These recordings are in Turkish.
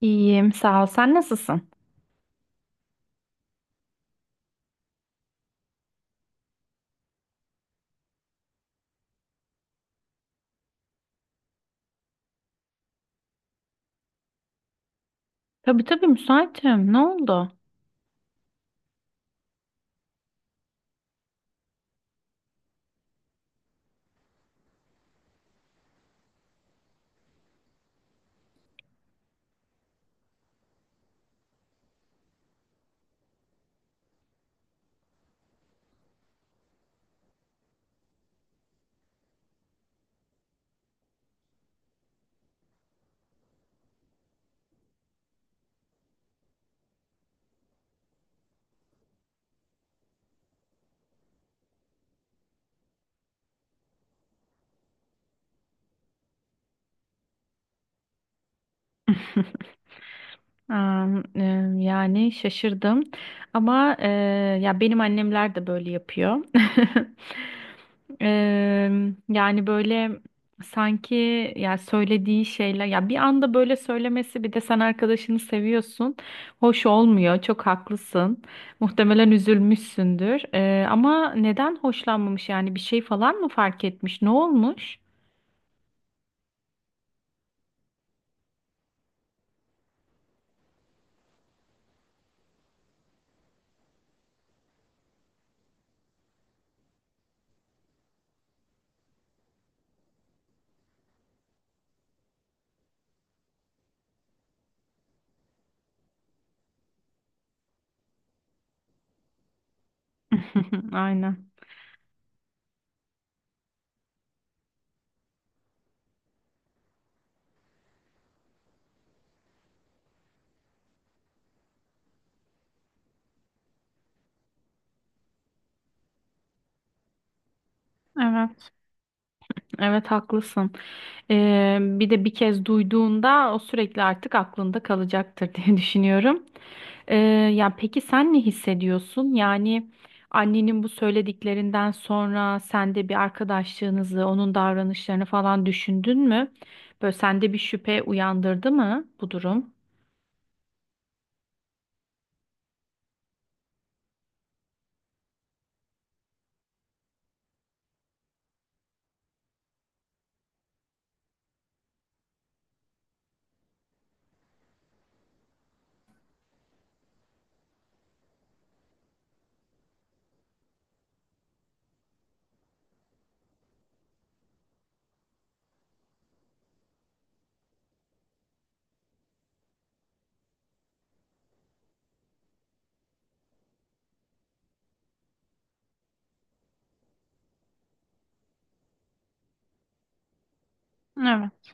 İyiyim, sağ ol. Sen nasılsın? Tabii müsaitim. Ne oldu? Am, e, Yani şaşırdım ama ya benim annemler de böyle yapıyor. E, Yani böyle sanki ya söylediği şeyler ya bir anda böyle söylemesi, bir de sen arkadaşını seviyorsun. Hoş olmuyor. Çok haklısın. Muhtemelen üzülmüşsündür. Ama neden hoşlanmamış, yani bir şey falan mı fark etmiş? Ne olmuş? Aynen. Evet, evet haklısın. Bir de bir kez duyduğunda o sürekli artık aklında kalacaktır diye düşünüyorum. Ee, Ya peki sen ne hissediyorsun? Yani annenin bu söylediklerinden sonra sen de bir arkadaşlığınızı, onun davranışlarını falan düşündün mü? Böyle sende bir şüphe uyandırdı mı bu durum? Evet.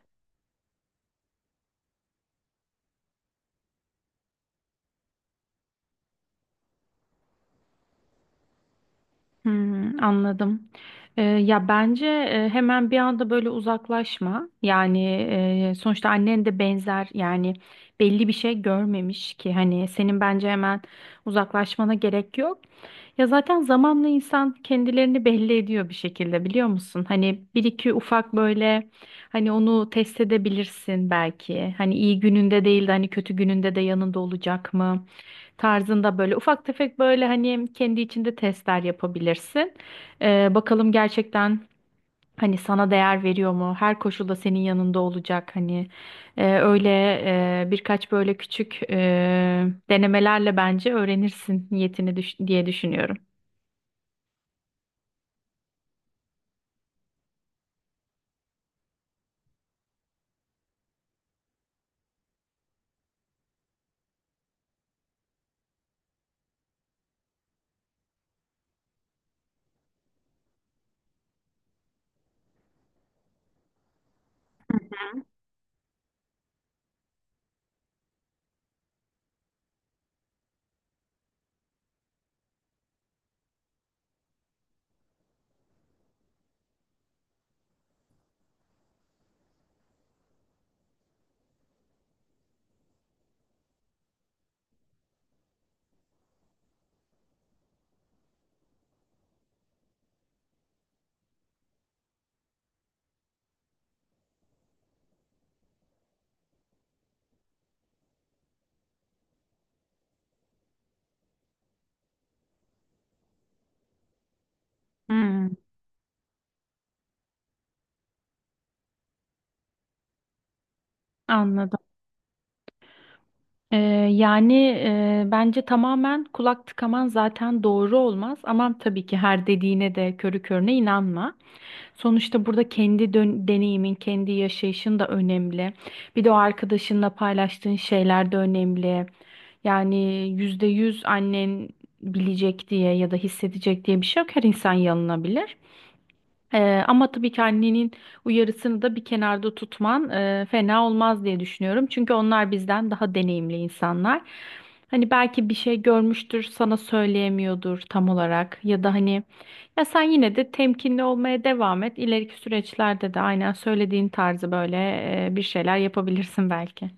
Hmm, anladım. Ya bence hemen bir anda böyle uzaklaşma. Yani sonuçta annen de benzer, yani belli bir şey görmemiş ki, hani senin bence hemen uzaklaşmana gerek yok. Ya zaten zamanla insan kendilerini belli ediyor bir şekilde, biliyor musun? Hani bir iki ufak böyle, hani onu test edebilirsin belki. Hani iyi gününde değil de hani kötü gününde de yanında olacak mı? Tarzında böyle ufak tefek böyle hani kendi içinde testler yapabilirsin. Bakalım gerçekten hani sana değer veriyor mu? Her koşulda senin yanında olacak hani. Öyle birkaç böyle küçük denemelerle bence öğrenirsin niyetini diye düşünüyorum. Hmm, anladım. Ee, Yani bence tamamen kulak tıkaman zaten doğru olmaz, ama tabii ki her dediğine de körü körüne inanma. Sonuçta burada deneyimin, kendi yaşayışın da önemli. Bir de o arkadaşınla paylaştığın şeyler de önemli. Yani yüzde yüz annen bilecek diye ya da hissedecek diye bir şey yok. Her insan yanılabilir. Ama tabii ki annenin uyarısını da bir kenarda tutman fena olmaz diye düşünüyorum. Çünkü onlar bizden daha deneyimli insanlar. Hani belki bir şey görmüştür, sana söyleyemiyordur tam olarak, ya da hani ya sen yine de temkinli olmaya devam et. İleriki süreçlerde de aynen söylediğin tarzı böyle bir şeyler yapabilirsin belki.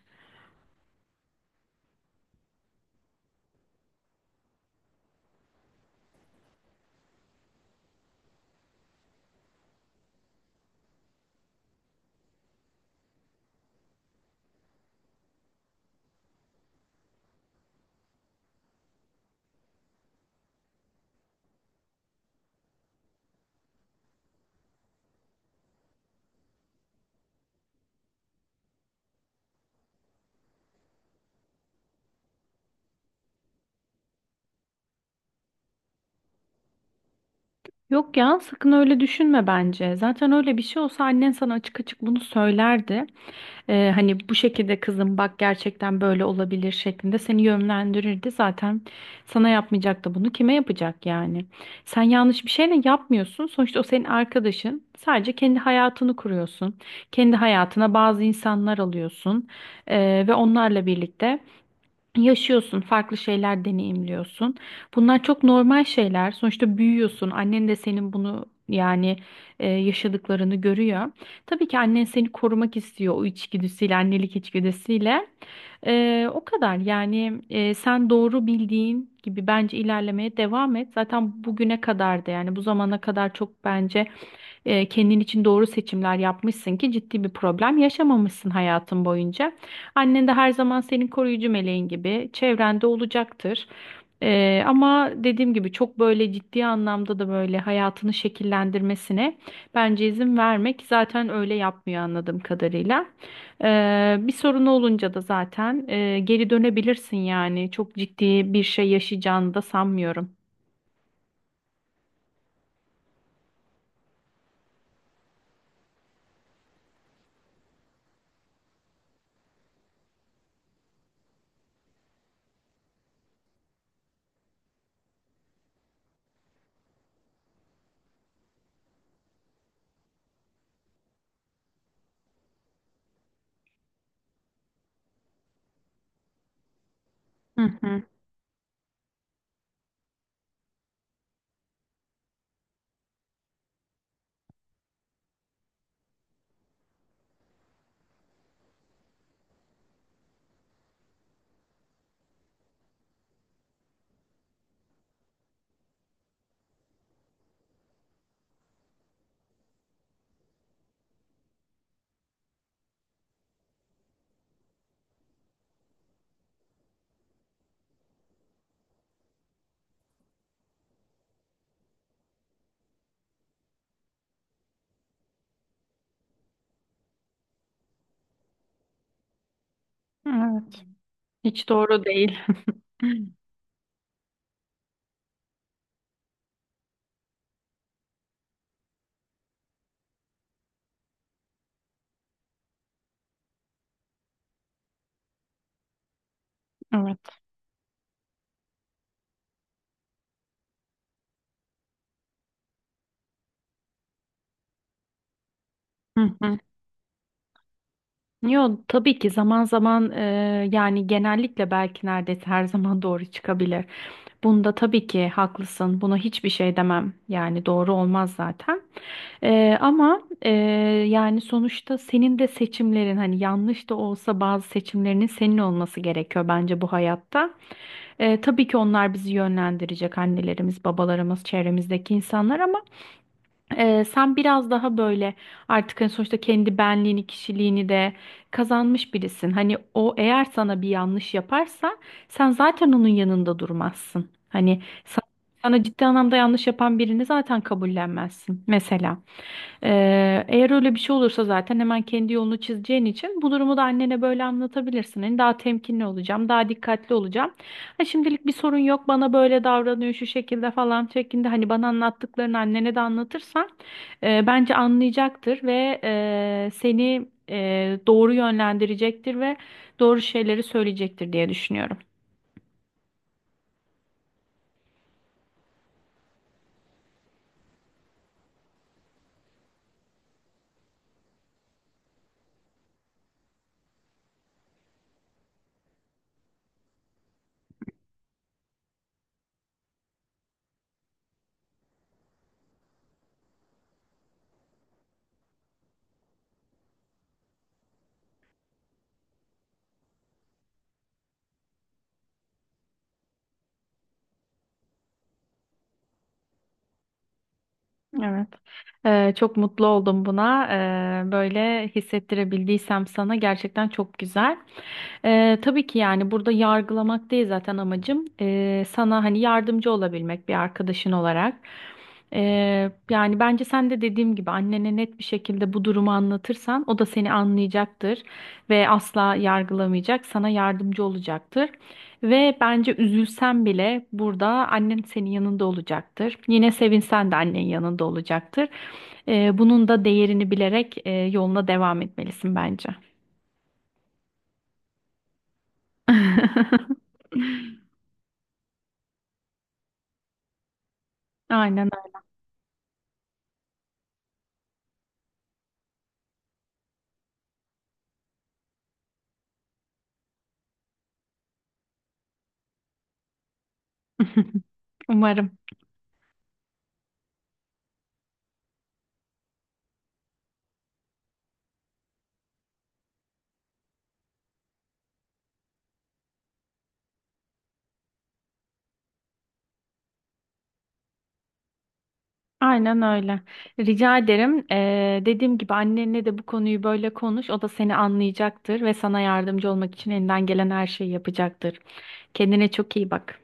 Yok ya, sakın öyle düşünme bence. Zaten öyle bir şey olsa annen sana açık açık bunu söylerdi. Hani bu şekilde kızım bak gerçekten böyle olabilir şeklinde seni yönlendirirdi. Zaten sana yapmayacak da bunu kime yapacak yani? Sen yanlış bir şeyle yapmıyorsun. Sonuçta o senin arkadaşın. Sadece kendi hayatını kuruyorsun. Kendi hayatına bazı insanlar alıyorsun. Ve onlarla birlikte yaşıyorsun, farklı şeyler deneyimliyorsun. Bunlar çok normal şeyler. Sonuçta büyüyorsun. Annen de senin bunu yani yaşadıklarını görüyor. Tabii ki annen seni korumak istiyor o içgüdüsüyle, annelik içgüdüsüyle. O kadar yani, sen doğru bildiğin gibi bence ilerlemeye devam et. Zaten bugüne kadar da yani bu zamana kadar çok bence kendin için doğru seçimler yapmışsın ki ciddi bir problem yaşamamışsın hayatın boyunca. Annen de her zaman senin koruyucu meleğin gibi çevrende olacaktır. Ama dediğim gibi çok böyle ciddi anlamda da böyle hayatını şekillendirmesine bence izin vermek, zaten öyle yapmıyor anladığım kadarıyla. Bir sorun olunca da zaten geri dönebilirsin, yani çok ciddi bir şey yaşayacağını da sanmıyorum. Hı hı. Evet. Hiç doğru değil. Evet. Hı hı. Yok tabii ki zaman zaman yani genellikle belki neredeyse her zaman doğru çıkabilir. Bunda tabii ki haklısın. Buna hiçbir şey demem. Yani doğru olmaz zaten. Ama yani sonuçta senin de seçimlerin hani yanlış da olsa bazı seçimlerinin senin olması gerekiyor bence bu hayatta. Tabii ki onlar bizi yönlendirecek, annelerimiz, babalarımız, çevremizdeki insanlar, ama sen biraz daha böyle artık hani sonuçta kendi benliğini, kişiliğini de kazanmış birisin. Hani o eğer sana bir yanlış yaparsa sen zaten onun yanında durmazsın. Sana ciddi anlamda yanlış yapan birini zaten kabullenmezsin mesela. Eğer öyle bir şey olursa zaten hemen kendi yolunu çizeceğin için bu durumu da annene böyle anlatabilirsin. Hani daha temkinli olacağım, daha dikkatli olacağım. Ha, şimdilik bir sorun yok, bana böyle davranıyor şu şekilde falan şeklinde hani bana anlattıklarını annene de anlatırsan bence anlayacaktır ve seni doğru yönlendirecektir ve doğru şeyleri söyleyecektir diye düşünüyorum. Evet. Çok mutlu oldum buna. Böyle hissettirebildiysem sana gerçekten çok güzel. Tabii ki yani burada yargılamak değil zaten amacım. Sana hani yardımcı olabilmek bir arkadaşın olarak. Yani bence sen de dediğim gibi annene net bir şekilde bu durumu anlatırsan o da seni anlayacaktır ve asla yargılamayacak, sana yardımcı olacaktır. Ve bence üzülsen bile burada annen senin yanında olacaktır. Yine sevinsen de annen yanında olacaktır. Bunun da değerini bilerek yoluna devam etmelisin bence. Aynen öyle. Umarım. Aynen öyle. Rica ederim. Dediğim gibi annenle de bu konuyu böyle konuş. O da seni anlayacaktır ve sana yardımcı olmak için elinden gelen her şeyi yapacaktır. Kendine çok iyi bak.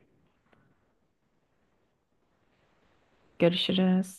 Görüşürüz.